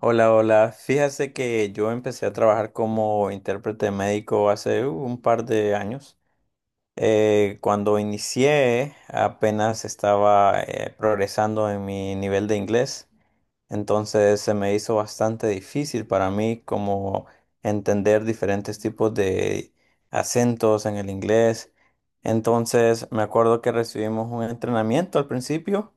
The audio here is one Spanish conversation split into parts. Hola, hola. Fíjase que yo empecé a trabajar como intérprete médico hace un par de años. Cuando inicié, apenas estaba progresando en mi nivel de inglés, entonces se me hizo bastante difícil para mí como entender diferentes tipos de acentos en el inglés. Entonces me acuerdo que recibimos un entrenamiento al principio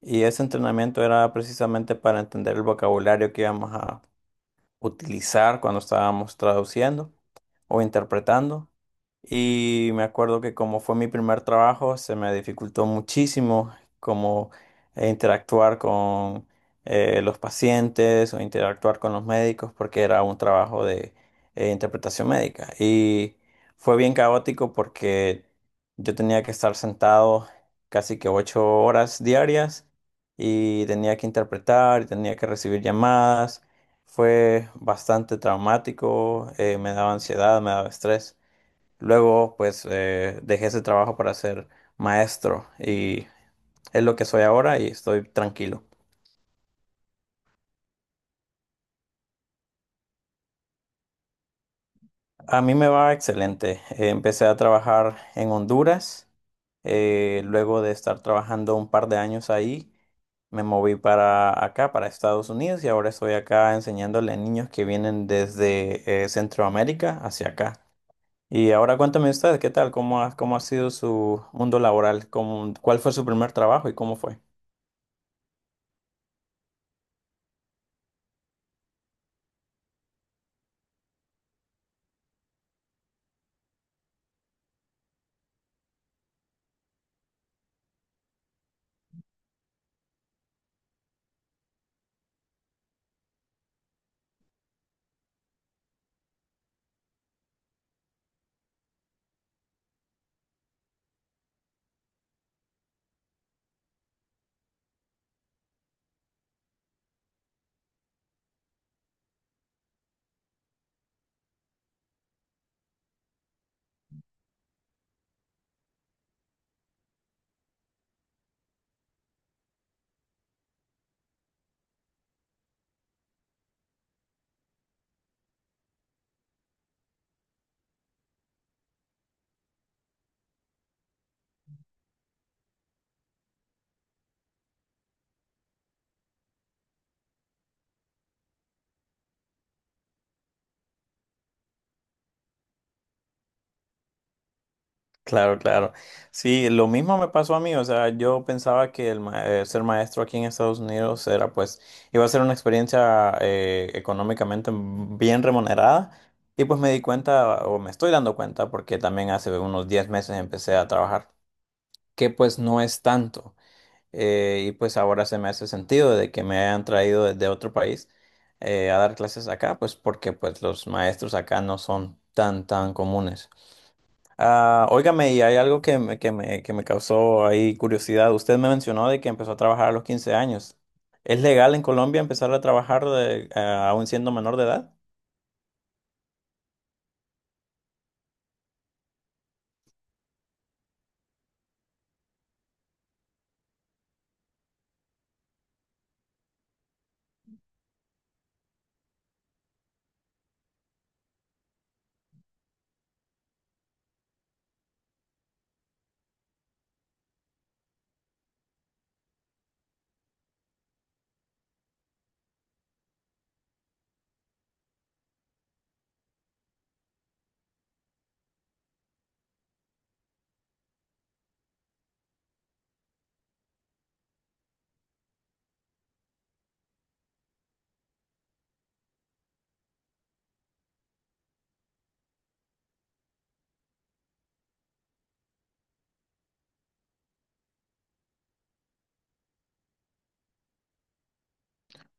y ese entrenamiento era precisamente para entender el vocabulario que íbamos a utilizar cuando estábamos traduciendo o interpretando. Y me acuerdo que como fue mi primer trabajo, se me dificultó muchísimo como interactuar con los pacientes o interactuar con los médicos porque era un trabajo de interpretación médica. Y fue bien caótico porque yo tenía que estar sentado casi que 8 horas diarias y tenía que interpretar y tenía que recibir llamadas. Fue bastante traumático, me daba ansiedad, me daba estrés. Luego, pues, dejé ese trabajo para ser maestro y es lo que soy ahora y estoy tranquilo. A mí me va excelente. Empecé a trabajar en Honduras. Luego de estar trabajando un par de años ahí, me moví para acá, para Estados Unidos, y ahora estoy acá enseñándole a niños que vienen desde Centroamérica hacia acá. Y ahora cuéntame usted, ¿qué tal? Cómo ha sido su mundo laboral? Cuál fue su primer trabajo y cómo fue? Claro, claro. Sí, lo mismo me pasó a mí. O sea, yo pensaba que ser maestro aquí en Estados Unidos era, pues, iba a ser una experiencia económicamente bien remunerada. Y pues me di cuenta, o me estoy dando cuenta, porque también hace unos 10 meses empecé a trabajar, que pues no es tanto. Y pues ahora se me hace sentido de que me hayan traído desde otro país a dar clases acá, pues porque pues los maestros acá no son tan tan comunes. Ah, óigame, y hay algo que me causó ahí curiosidad. Usted me mencionó de que empezó a trabajar a los 15 años. ¿Es legal en Colombia empezar a trabajar aún siendo menor de edad?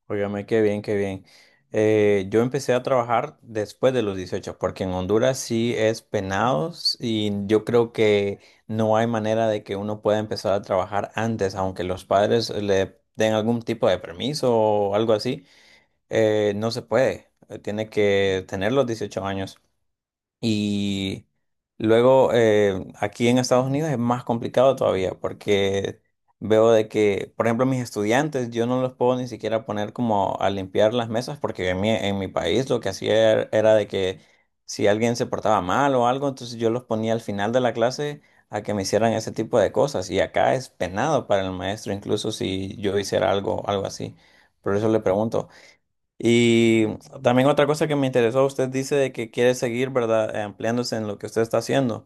Óigame, qué bien, qué bien. Yo empecé a trabajar después de los 18 porque en Honduras sí es penados y yo creo que no hay manera de que uno pueda empezar a trabajar antes, aunque los padres le den algún tipo de permiso o algo así, no se puede. Tiene que tener los 18 años. Y luego, aquí en Estados Unidos es más complicado todavía porque veo de que, por ejemplo, mis estudiantes, yo no los puedo ni siquiera poner como a limpiar las mesas porque en mi país lo que hacía era de que si alguien se portaba mal o algo, entonces yo los ponía al final de la clase a que me hicieran ese tipo de cosas. Y acá es penado para el maestro, incluso si yo hiciera algo, algo así. Por eso le pregunto. Y también otra cosa que me interesó, usted dice de que quiere seguir, ¿verdad? Ampliándose en lo que usted está haciendo.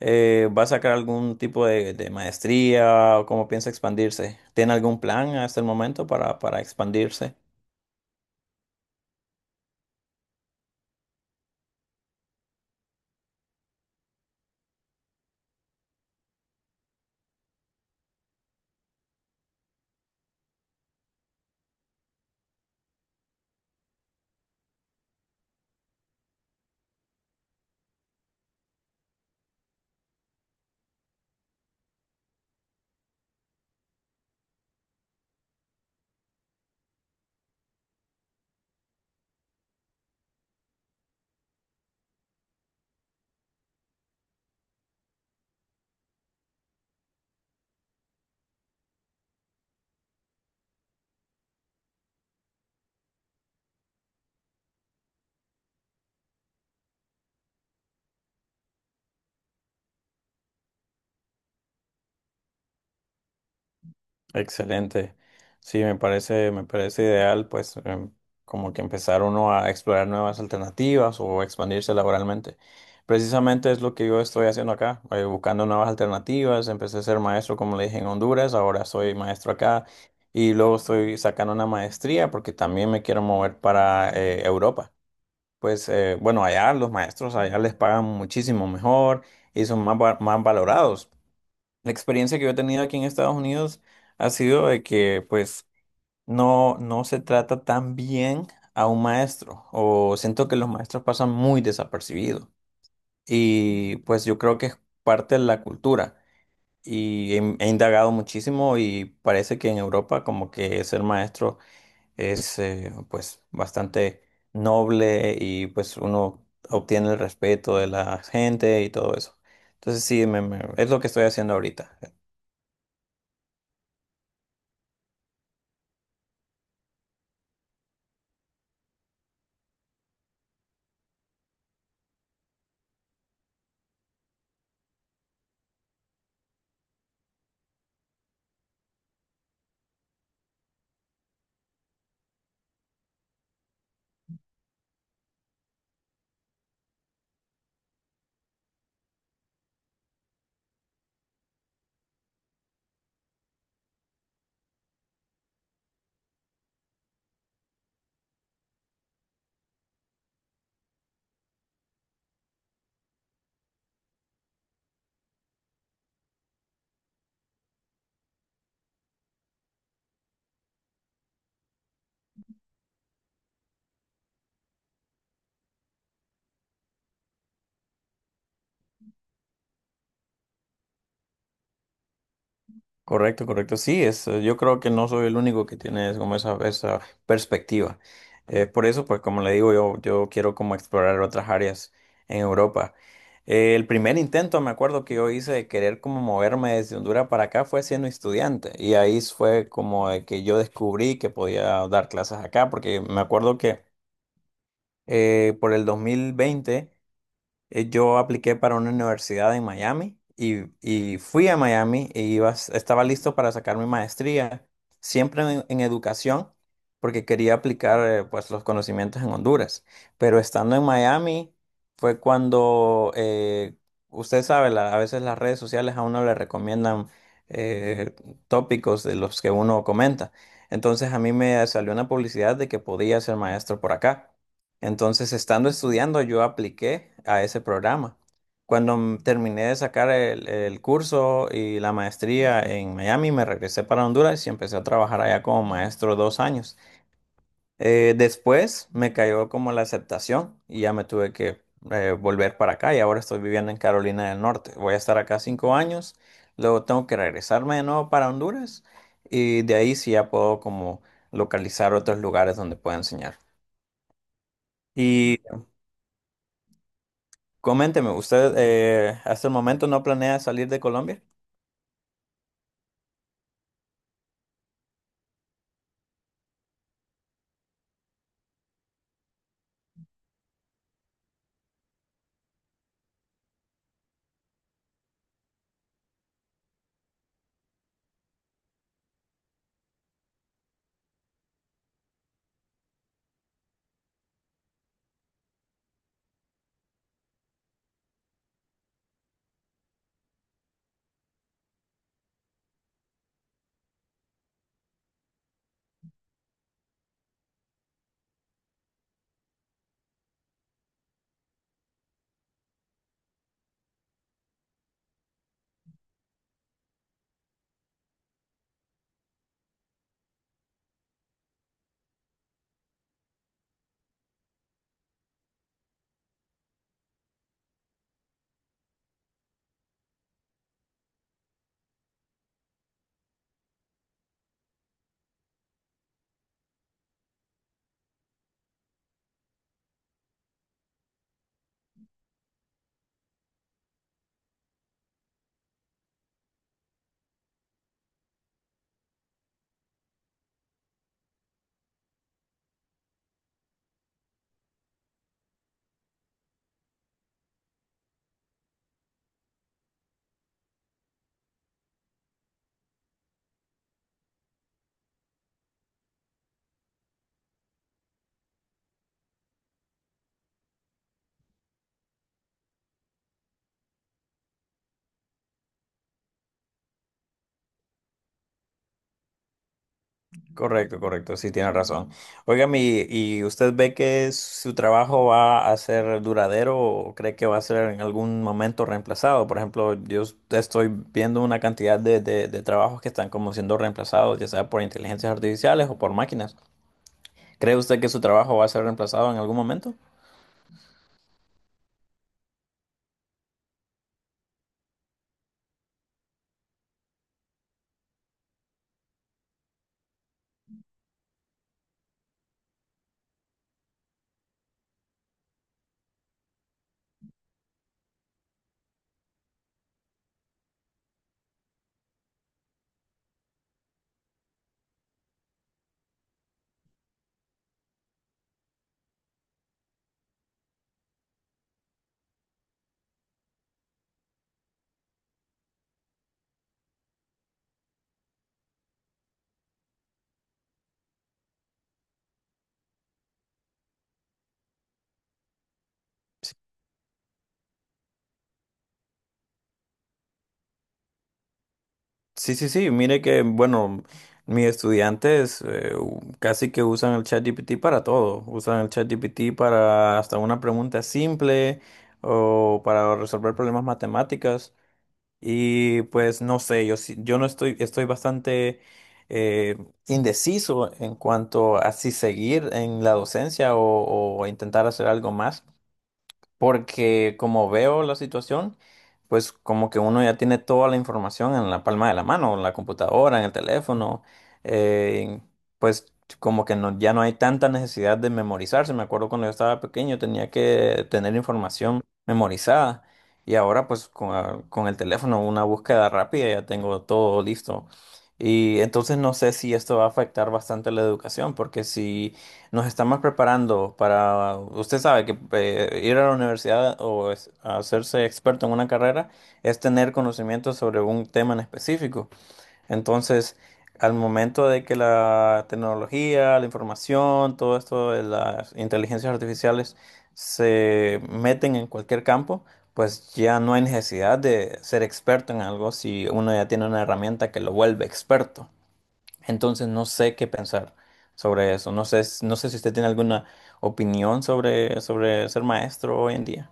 ¿Va a sacar algún tipo de maestría o cómo piensa expandirse? ¿Tiene algún plan hasta el momento para expandirse? Excelente. Sí, me parece ideal, pues, como que empezar uno a explorar nuevas alternativas o expandirse laboralmente. Precisamente es lo que yo estoy haciendo acá, buscando nuevas alternativas. Empecé a ser maestro, como le dije, en Honduras, ahora soy maestro acá y luego estoy sacando una maestría porque también me quiero mover para Europa. Pues, bueno, allá los maestros, allá les pagan muchísimo mejor y son más, más valorados. La experiencia que yo he tenido aquí en Estados Unidos ha sido de que pues no, no se trata tan bien a un maestro o siento que los maestros pasan muy desapercibidos y pues yo creo que es parte de la cultura y he indagado muchísimo y parece que en Europa como que ser maestro es, pues bastante noble y pues uno obtiene el respeto de la gente y todo eso. Entonces sí, es lo que estoy haciendo ahorita. Correcto, correcto. Sí, es, yo creo que no soy el único que tiene es como esa perspectiva. Por eso, pues como le digo, yo quiero como explorar otras áreas en Europa. El primer intento, me acuerdo que yo hice de querer como moverme desde Honduras para acá fue siendo estudiante. Y ahí fue como de que yo descubrí que podía dar clases acá, porque me acuerdo que por el 2020, yo apliqué para una universidad en Miami y fui a Miami y iba, estaba listo para sacar mi maestría, siempre en educación, porque quería aplicar pues los conocimientos en Honduras. Pero estando en Miami fue cuando, usted sabe, a veces las redes sociales a uno le recomiendan eh, tópicos de los que uno comenta. Entonces a mí me salió una publicidad de que podía ser maestro por acá. Entonces, estando estudiando, yo apliqué a ese programa. Cuando terminé de sacar el curso y la maestría en Miami, me regresé para Honduras y empecé a trabajar allá como maestro 2 años. Después me cayó como la aceptación y ya me tuve que volver para acá y ahora estoy viviendo en Carolina del Norte. Voy a estar acá 5 años, luego tengo que regresarme de nuevo para Honduras y de ahí sí ya puedo como localizar otros lugares donde pueda enseñar. Coménteme, ¿usted hasta el momento no planea salir de Colombia? Correcto, correcto, sí, tiene razón. Oiga, ¿y usted ve que su trabajo va a ser duradero o cree que va a ser en algún momento reemplazado? Por ejemplo, yo estoy viendo una cantidad de trabajos que están como siendo reemplazados, ya sea por inteligencias artificiales o por máquinas. ¿Cree usted que su trabajo va a ser reemplazado en algún momento? Sí, sí, sí, mire que, bueno, mis estudiantes casi que usan el ChatGPT para todo. Usan el ChatGPT para hasta una pregunta simple o para resolver problemas matemáticas. Y pues no sé, yo no estoy, estoy bastante eh, indeciso en cuanto a si seguir en la docencia o intentar hacer algo más. Porque como veo la situación, pues como que uno ya tiene toda la información en la palma de la mano, en la computadora, en el teléfono, eh, pues como que no, ya no hay tanta necesidad de memorizarse. Me acuerdo cuando yo estaba pequeño tenía que tener información memorizada y ahora pues con el teléfono una búsqueda rápida ya tengo todo listo. Y entonces no sé si esto va a afectar bastante la educación, porque si nos estamos preparando para, usted sabe que ir a la universidad o hacerse experto en una carrera es tener conocimiento sobre un tema en específico. Entonces, al momento de que la tecnología, la información, todo esto de las inteligencias artificiales se meten en cualquier campo, pues ya no hay necesidad de ser experto en algo si uno ya tiene una herramienta que lo vuelve experto. Entonces no sé qué pensar sobre eso. No sé, no sé si usted tiene alguna opinión sobre, sobre ser maestro hoy en día.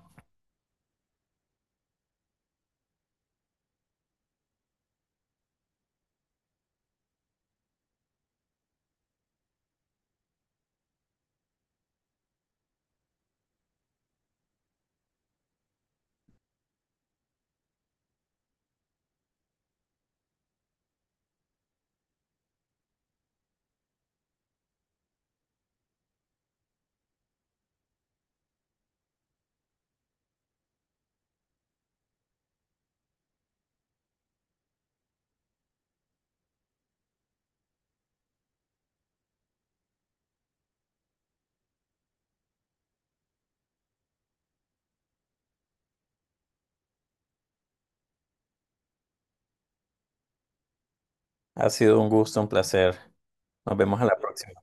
Ha sido un gusto, un placer. Nos vemos a la próxima.